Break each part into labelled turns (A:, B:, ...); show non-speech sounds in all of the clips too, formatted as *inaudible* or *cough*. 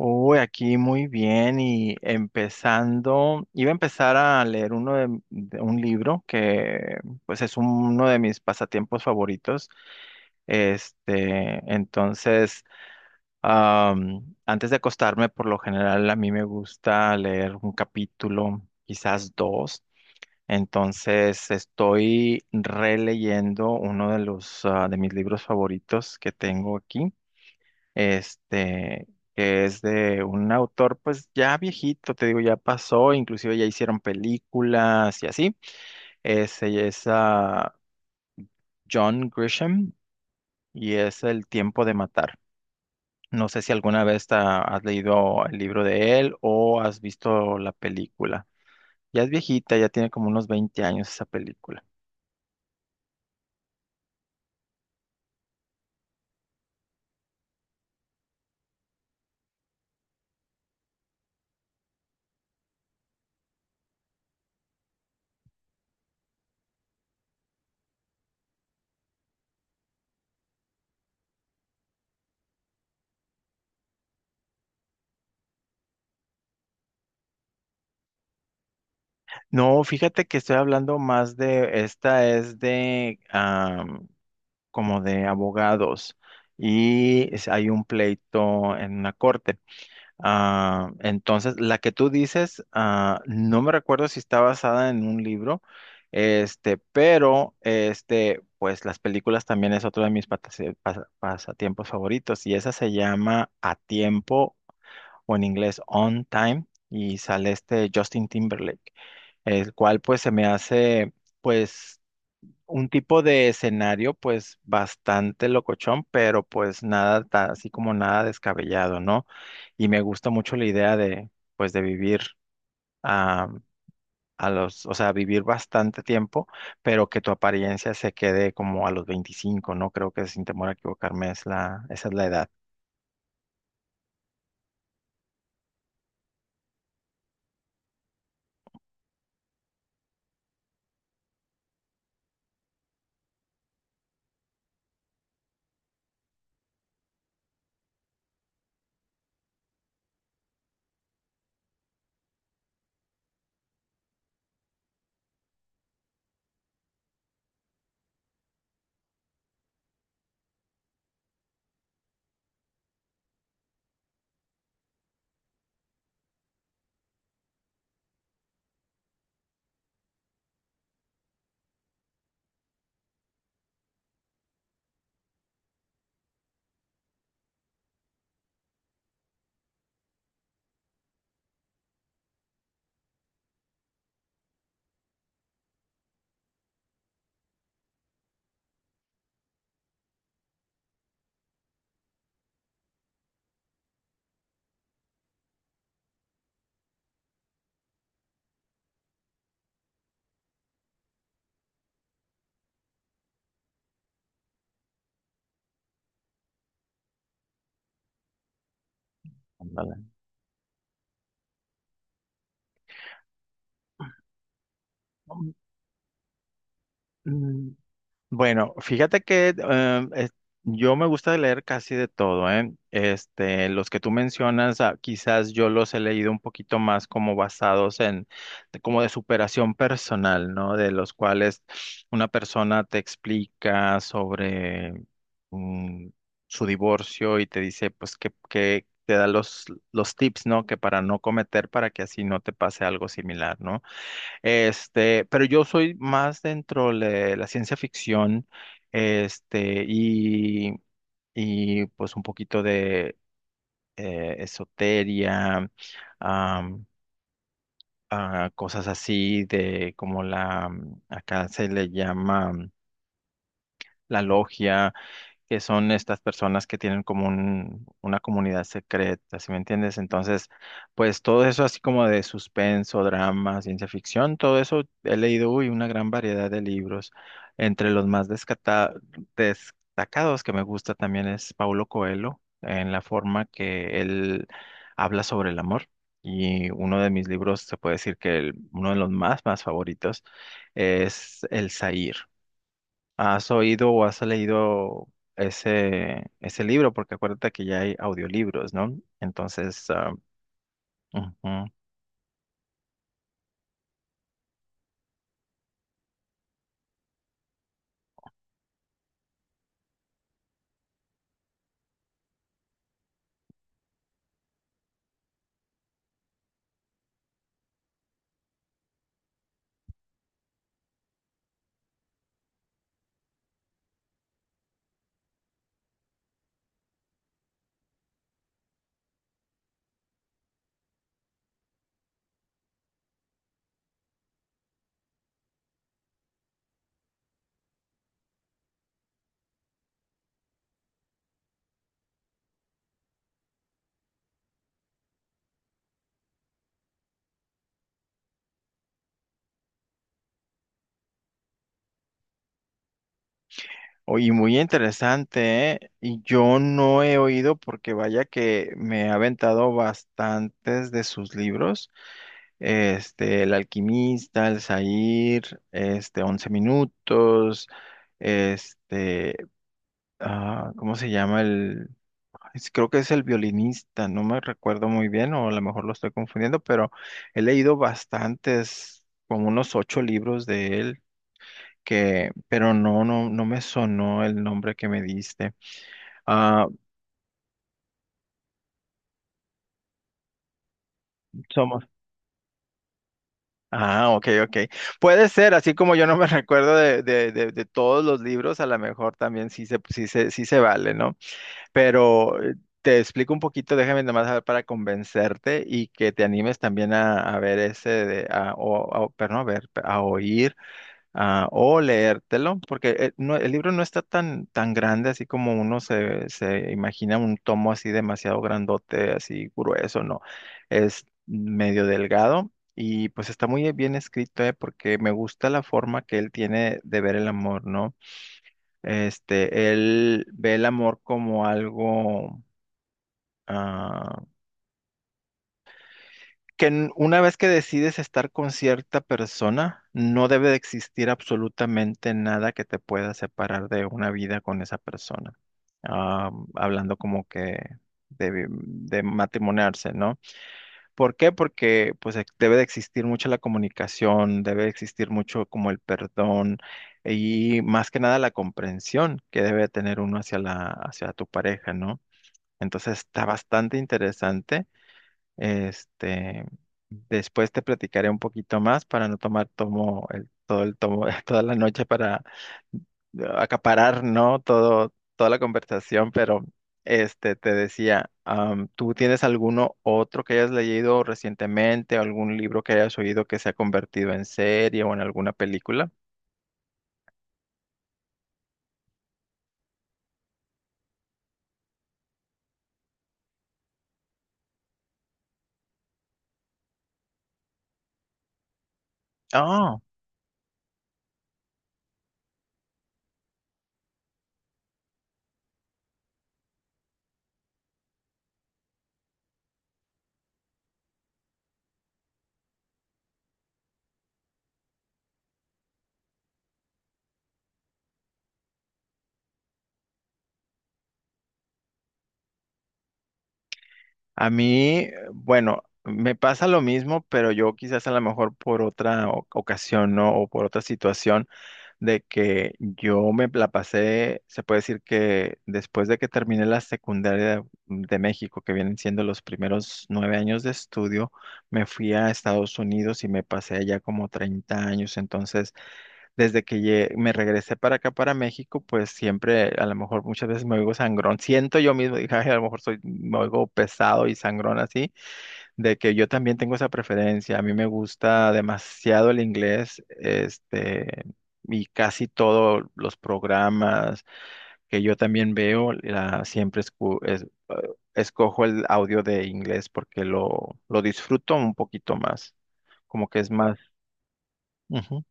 A: Uy, aquí muy bien y empezando, iba a empezar a leer uno de un libro que pues es uno de mis pasatiempos favoritos. Entonces, antes de acostarme, por lo general a mí me gusta leer un capítulo, quizás dos. Entonces, estoy releyendo uno de los de mis libros favoritos que tengo aquí este, que es de un autor pues ya viejito, te digo, ya pasó, inclusive ya hicieron películas y así. Ese es John Grisham y es El tiempo de matar. No sé si alguna vez te has leído el libro de él o has visto la película. Ya es viejita, ya tiene como unos 20 años esa película. No, fíjate que estoy hablando más esta es como de abogados y hay un pleito en una corte. Ah, entonces, la que tú dices, no me recuerdo si está basada en un libro, pero pues las películas también es otro de mis pasatiempos favoritos y esa se llama A Tiempo o en inglés On Time, y sale este Justin Timberlake, el cual pues se me hace pues un tipo de escenario pues bastante locochón, pero pues nada, así como nada descabellado, ¿no? Y me gusta mucho la idea de pues de vivir a, a los, o sea, vivir bastante tiempo, pero que tu apariencia se quede como a los 25, ¿no? Creo que sin temor a equivocarme es esa es la edad. Ándale. Mm, Bueno, fíjate que yo me gusta leer casi de todo, ¿eh? Este, los que tú mencionas, quizás yo los he leído un poquito más como basados como de superación personal, ¿no? De los cuales una persona te explica sobre mm, su divorcio y te dice, pues, que te da los tips, ¿no? Que para no cometer, para que así no te pase algo similar, ¿no? Este, pero yo soy más dentro de la ciencia ficción, este, y, y pues un poquito de esoteria, am, cosas así de como acá se le llama la logia, que son estas personas que tienen como una comunidad secreta, ¿sí me entiendes? Entonces, pues todo eso así como de suspenso, drama, ciencia ficción, todo eso he leído, uy, una gran variedad de libros. Entre los más destacados que me gusta también es Paulo Coelho, en la forma que él habla sobre el amor. Y uno de mis libros, se puede decir que uno de los más, más favoritos es El Zahir. ¿Has oído o has leído ese libro? Porque acuérdate que ya hay audiolibros, ¿no? Entonces, ah, ujú. Oye, muy interesante, ¿eh? Y yo no he oído porque vaya que me he aventado bastantes de sus libros. Este, El Alquimista, El Zahir, este, Once Minutos, este, ¿cómo se llama? Creo que es el violinista, no me recuerdo muy bien, o a lo mejor lo estoy confundiendo, pero he leído bastantes, como unos 8 libros de él, que, pero no me sonó el nombre que me diste. Ah, somos. Ah, ok, ok. Puede ser, así como yo no me *laughs* recuerdo de todos los libros, a lo mejor también sí se vale, ¿no? Pero te explico un poquito, déjame nomás saber para convencerte y que te animes también a ver ese, de, a, o, a- perdón, a ver, a oír o leértelo, porque el libro no está tan, tan grande así como uno se imagina un tomo así demasiado grandote, así grueso, no, es medio delgado. Y pues está muy bien escrito, porque me gusta la forma que él tiene de ver el amor, ¿no? Este, él ve el amor como algo ah, que una vez que decides estar con cierta persona, no debe de existir absolutamente nada que te pueda separar de una vida con esa persona. Ah, hablando como que de matrimoniarse, ¿no? ¿Por qué? Porque pues debe de existir mucho la comunicación, debe de existir mucho como el perdón, y más que nada la comprensión que debe de tener uno hacia hacia tu pareja, ¿no? Entonces está bastante interesante. Este, después te platicaré un poquito más para no tomar todo el tomo, *laughs* toda la noche para acaparar, ¿no? Toda la conversación, pero te decía, ¿tú tienes alguno otro que hayas leído recientemente, algún libro que hayas oído que se ha convertido en serie o en alguna película? Ah, a mí, bueno, me pasa lo mismo, pero yo quizás a lo mejor por otra ocasión, ¿no? O por otra situación. De que yo me la pasé, se puede decir que después de que terminé la secundaria de México, que vienen siendo los primeros 9 años de estudio, me fui a Estados Unidos y me pasé allá como 30 años. Entonces, desde que me regresé para acá, para México, pues siempre, a lo mejor muchas veces me oigo sangrón. Siento yo mismo, dije: "Ay, a lo mejor soy, me oigo pesado y sangrón así, de que yo también tengo esa preferencia. A mí me gusta demasiado el inglés", este, y casi todos los programas que yo también veo, eh, escojo el audio de inglés porque lo disfruto un poquito más, como que es más. Ujú,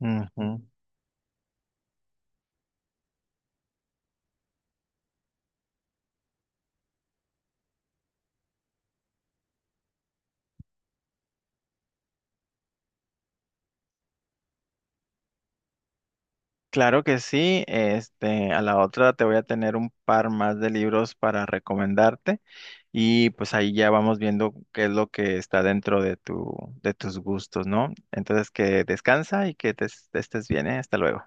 A: ujú. Claro que sí, este, a la otra te voy a tener un par más de libros para recomendarte y pues ahí ya vamos viendo qué es lo que está dentro de tu, de tus gustos, ¿no? Entonces que descansa y que estés bien, ¿eh? Hasta luego.